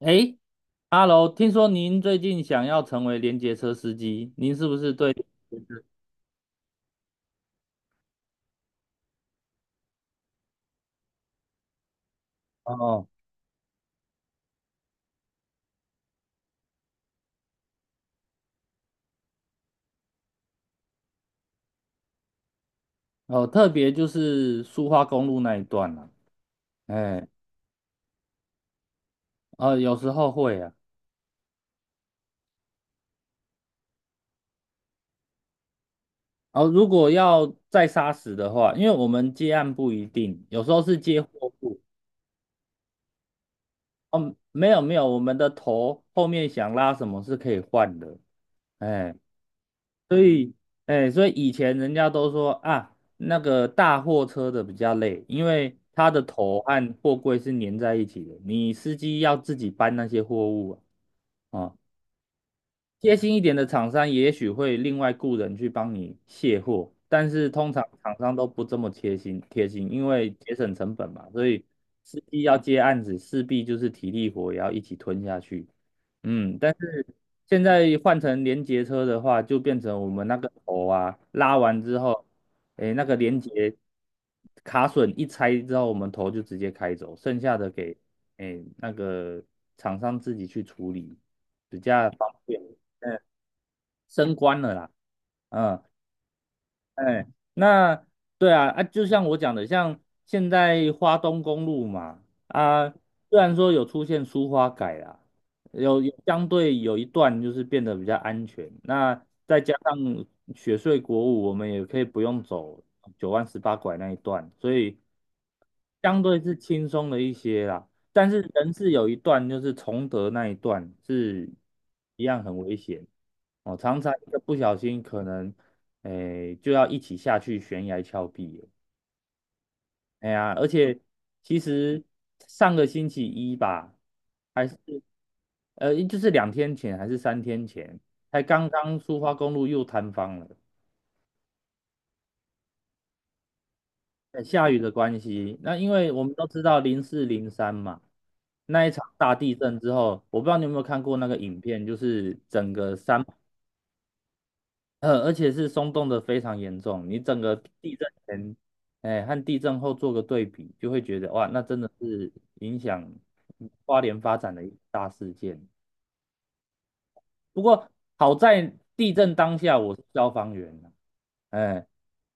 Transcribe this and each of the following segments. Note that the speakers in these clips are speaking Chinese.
哎，哈喽，听说您最近想要成为联结车司机，您是不是对联结车？哦哦，特别就是苏花公路那一段啊？哎，有时候会啊。哦，如果要再杀死的话，因为我们接案不一定，有时候是接货物。哦，没有没有，我们的头后面想拉什么是可以换的。哎，所以，所以以前人家都说啊，那个大货车的比较累，因为它的头和货柜是粘在一起的，你司机要自己搬那些货物啊。啊，贴心一点的厂商也许会另外雇人去帮你卸货，但是通常厂商都不这么贴心贴心，因为节省成本嘛，所以司机要接案子，势必就是体力活也要一起吞下去。但是现在换成连结车的话，就变成我们那个头啊，拉完之后，那个连结卡榫一拆之后，我们头就直接开走，剩下的给那个厂商自己去处理，比较方便。嗯，升官了啦。嗯，哎，那对啊，啊，就像我讲的，像现在花东公路嘛，啊，虽然说有出现疏花改啦，有相对有一段就是变得比较安全，那再加上雪隧国五，我们也可以不用走九弯十八拐那一段，所以相对是轻松了一些啦，但是人是有一段就是崇德那一段是一样很危险哦，常常一个不小心可能就要一起下去悬崖峭壁了。哎呀，而且其实上个星期一吧，还是就是2天前还是3天前，才刚刚苏花公路又坍方了。下雨的关系，那因为我们都知道0403嘛，那一场大地震之后，我不知道你有没有看过那个影片，就是整个山，而且是松动的非常严重。你整个地震前，哎，和地震后做个对比，就会觉得哇，那真的是影响花莲发展的一大事件。不过好在地震当下我是消防员啊，哎，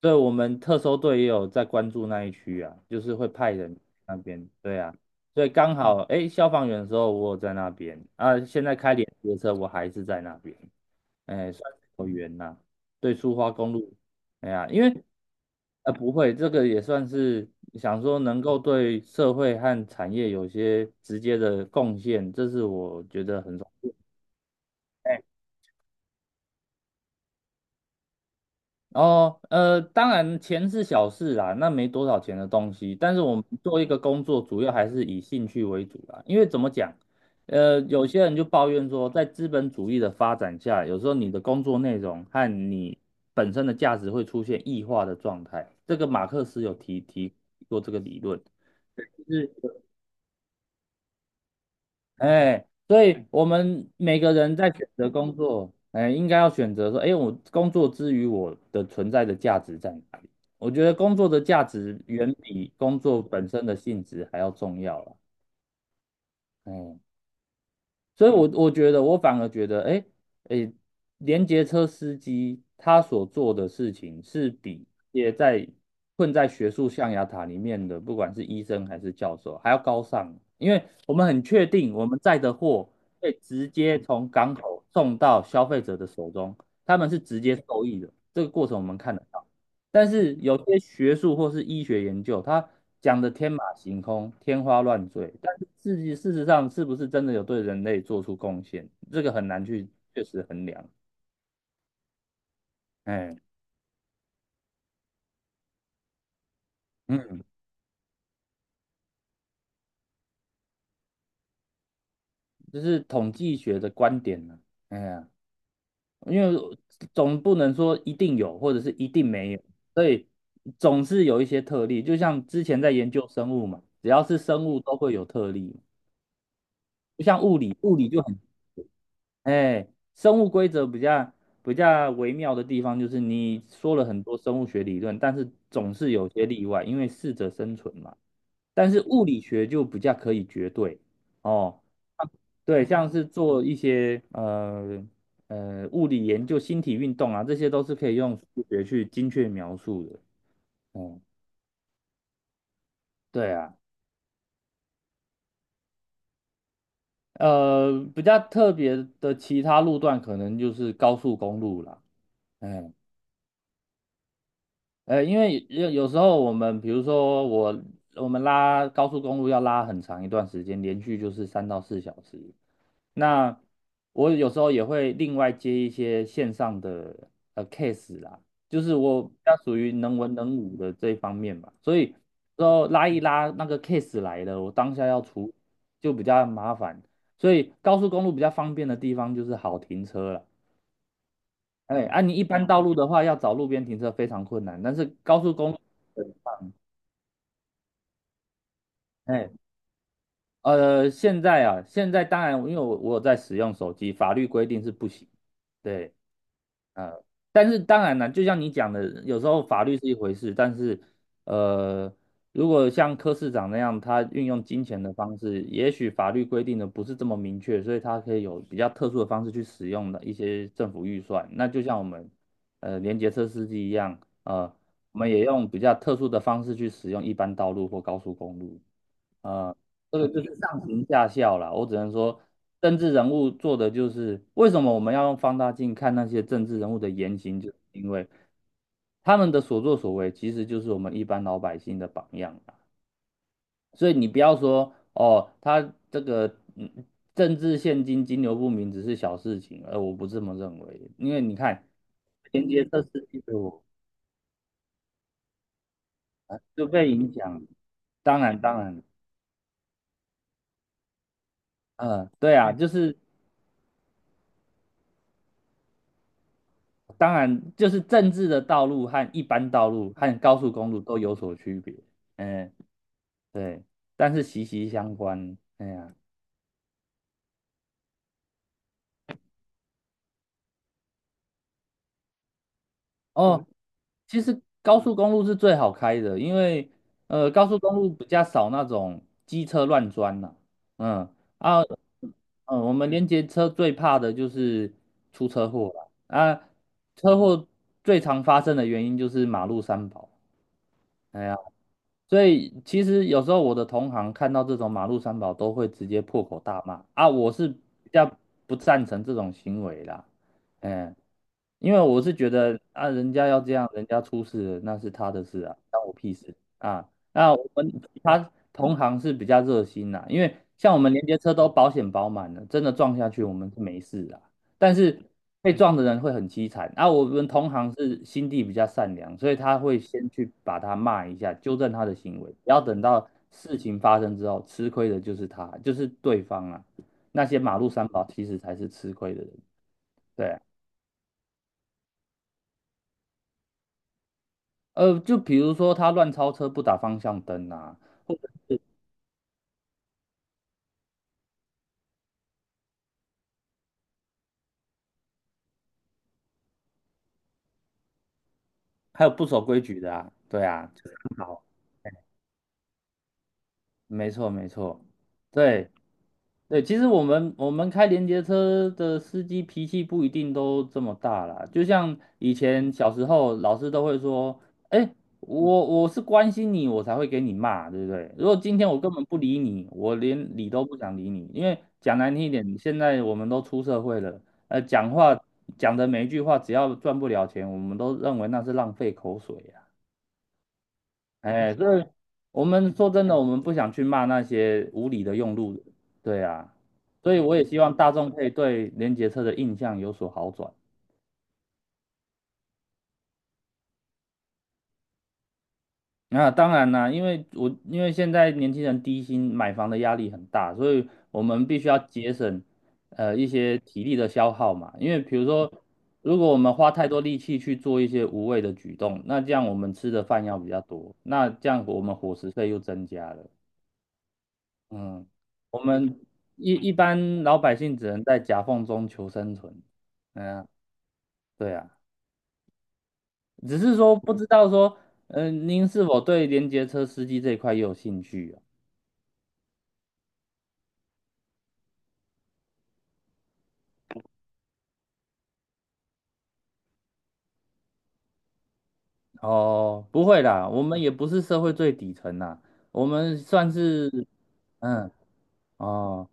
对我们特搜队也有在关注那一区啊，就是会派人去那边，对啊，所以刚好哎，消防员的时候我有在那边啊，现在开联结车我还是在那边，哎，算是有缘呐。对，苏花公路，哎呀，因为不会，这个也算是想说能够对社会和产业有些直接的贡献，这是我觉得很。哦，当然钱是小事啦，那没多少钱的东西。但是我们做一个工作，主要还是以兴趣为主啦。因为怎么讲，有些人就抱怨说，在资本主义的发展下，有时候你的工作内容和你本身的价值会出现异化的状态。这个马克思有提过这个理论，就是哎，所以我们每个人在选择工作，哎，应该要选择说，哎，我工作之余我的存在的价值在哪里？我觉得工作的价值远比工作本身的性质还要重要了。哎，所以我觉得，我反而觉得，哎哎，连接车司机他所做的事情是比也在困在学术象牙塔里面的，不管是医生还是教授，还要高尚，因为我们很确定我们载的货会直接从港口送到消费者的手中，他们是直接受益的，这个过程我们看得到。但是有些学术或是医学研究，它讲的天马行空、天花乱坠，但是事实上是不是真的有对人类做出贡献，这个很难去确实衡量。哎，嗯，这是统计学的观点呢。哎呀，因为总不能说一定有，或者是一定没有，所以总是有一些特例。就像之前在研究生物嘛，只要是生物都会有特例，不像物理，物理就很哎，生物规则比较微妙的地方就是，你说了很多生物学理论，但是总是有些例外，因为适者生存嘛。但是物理学就比较可以绝对哦，对，像是做一些物理研究、星体运动啊，这些都是可以用数学去精确描述的。嗯，对啊，比较特别的其他路段可能就是高速公路啦。哎,因为有时候我们，比如说我们拉高速公路要拉很长一段时间，连续就是3到4小时。那我有时候也会另外接一些线上的case 啦，就是我比较属于能文能武的这一方面嘛，所以之拉一拉那个 case 来了，我当下要处理就比较麻烦。所以高速公路比较方便的地方就是好停车了。哎，啊，你一般道路的话，要找路边停车非常困难，但是高速公路。哎，现在啊，现在当然，因为我有在使用手机，法律规定是不行。对，呃，但是当然了，就像你讲的，有时候法律是一回事，但是，呃，如果像柯市长那样，他运用金钱的方式，也许法律规定的不是这么明确，所以他可以有比较特殊的方式去使用的一些政府预算。那就像我们，联结车司机一样，呃，我们也用比较特殊的方式去使用一般道路或高速公路。呃，这个就是上行下效啦。我只能说，政治人物做的就是为什么我们要用放大镜看那些政治人物的言行，就是因为他们的所作所为其实就是我们一般老百姓的榜样啦。所以你不要说哦，他这个政治现金流不明只是小事情，我不这么认为，因为你看连接这司机的我就被影响，当然当然，嗯、对啊，就是。当然，就是政治的道路和一般道路和高速公路都有所区别，嗯，对，但是息息相关。哎呀，哦，其实高速公路是最好开的，因为高速公路比较少那种机车乱钻呐。嗯啊，我们连接车最怕的就是出车祸了啊，车祸最常发生的原因就是马路三宝。哎呀。所以其实有时候我的同行看到这种马路三宝都会直接破口大骂啊，我是比较不赞成这种行为啦，嗯，因为我是觉得啊，人家要这样，人家出事了那是他的事啊，关我屁事啊。那我们其他同行是比较热心啦，因为像我们连接车都保险保满了，真的撞下去我们是没事啊。但是被撞的人会很凄惨。啊，我们同行是心地比较善良，所以他会先去把他骂一下，纠正他的行为，不要等到事情发生之后，吃亏的就是他，就是对方啊。那些马路三宝其实才是吃亏的人。对啊。就比如说他乱超车不打方向灯啊，或者还有不守规矩的啊，对啊，就是很好，没错没错。对对，其实我们开连接车的司机脾气不一定都这么大啦，就像以前小时候老师都会说，哎，我是关心你，我才会给你骂，对不对？如果今天我根本不理你，我连理都不想理你，因为讲难听一点，现在我们都出社会了，讲话讲的每一句话，只要赚不了钱，我们都认为那是浪费口水啊。哎，我们说真的，我们不想去骂那些无理的用路人，对啊，所以我也希望大众可以对联结车的印象有所好转。那、当然啦，因为现在年轻人低薪买房的压力很大，所以我们必须要节省一些体力的消耗嘛。因为比如说，如果我们花太多力气去做一些无谓的举动，那这样我们吃的饭要比较多，那这样我们伙食费又增加了。嗯，我们一般老百姓只能在夹缝中求生存。嗯啊，对啊，只是说不知道说，您是否对联结车司机这一块也有兴趣啊？哦，不会啦，我们也不是社会最底层啦，我们算是，嗯，哦，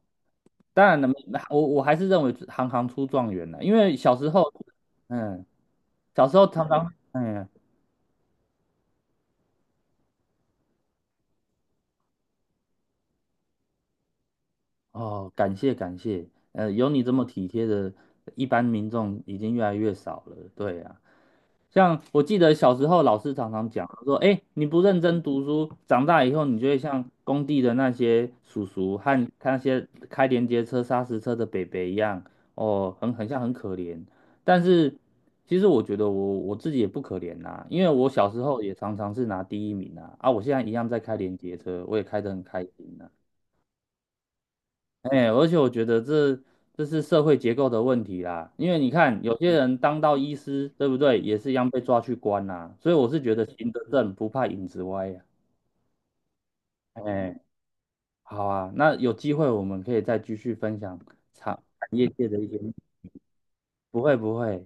当然了，我还是认为行行出状元啦，因为小时候，嗯，小时候常常，嗯，哦，感谢感谢，有你这么体贴的，一般民众已经越来越少了。对啊，像我记得小时候老师常常讲说，哎，你不认真读书，长大以后你就会像工地的那些叔叔和那些开连接车、砂石车的北北一样，哦，很像很可怜。但是其实我觉得我自己也不可怜呐。因为我小时候也常常是拿第一名啊，啊，我现在一样在开连接车，我也开得很开心啊。哎，而且我觉得这是社会结构的问题啦，因为你看有些人当到医师，对不对，也是一样被抓去关啦，所以我是觉得行得正不怕影子歪呀。哎，好啊，那有机会我们可以再继续分享产产业界的一些，不会不会，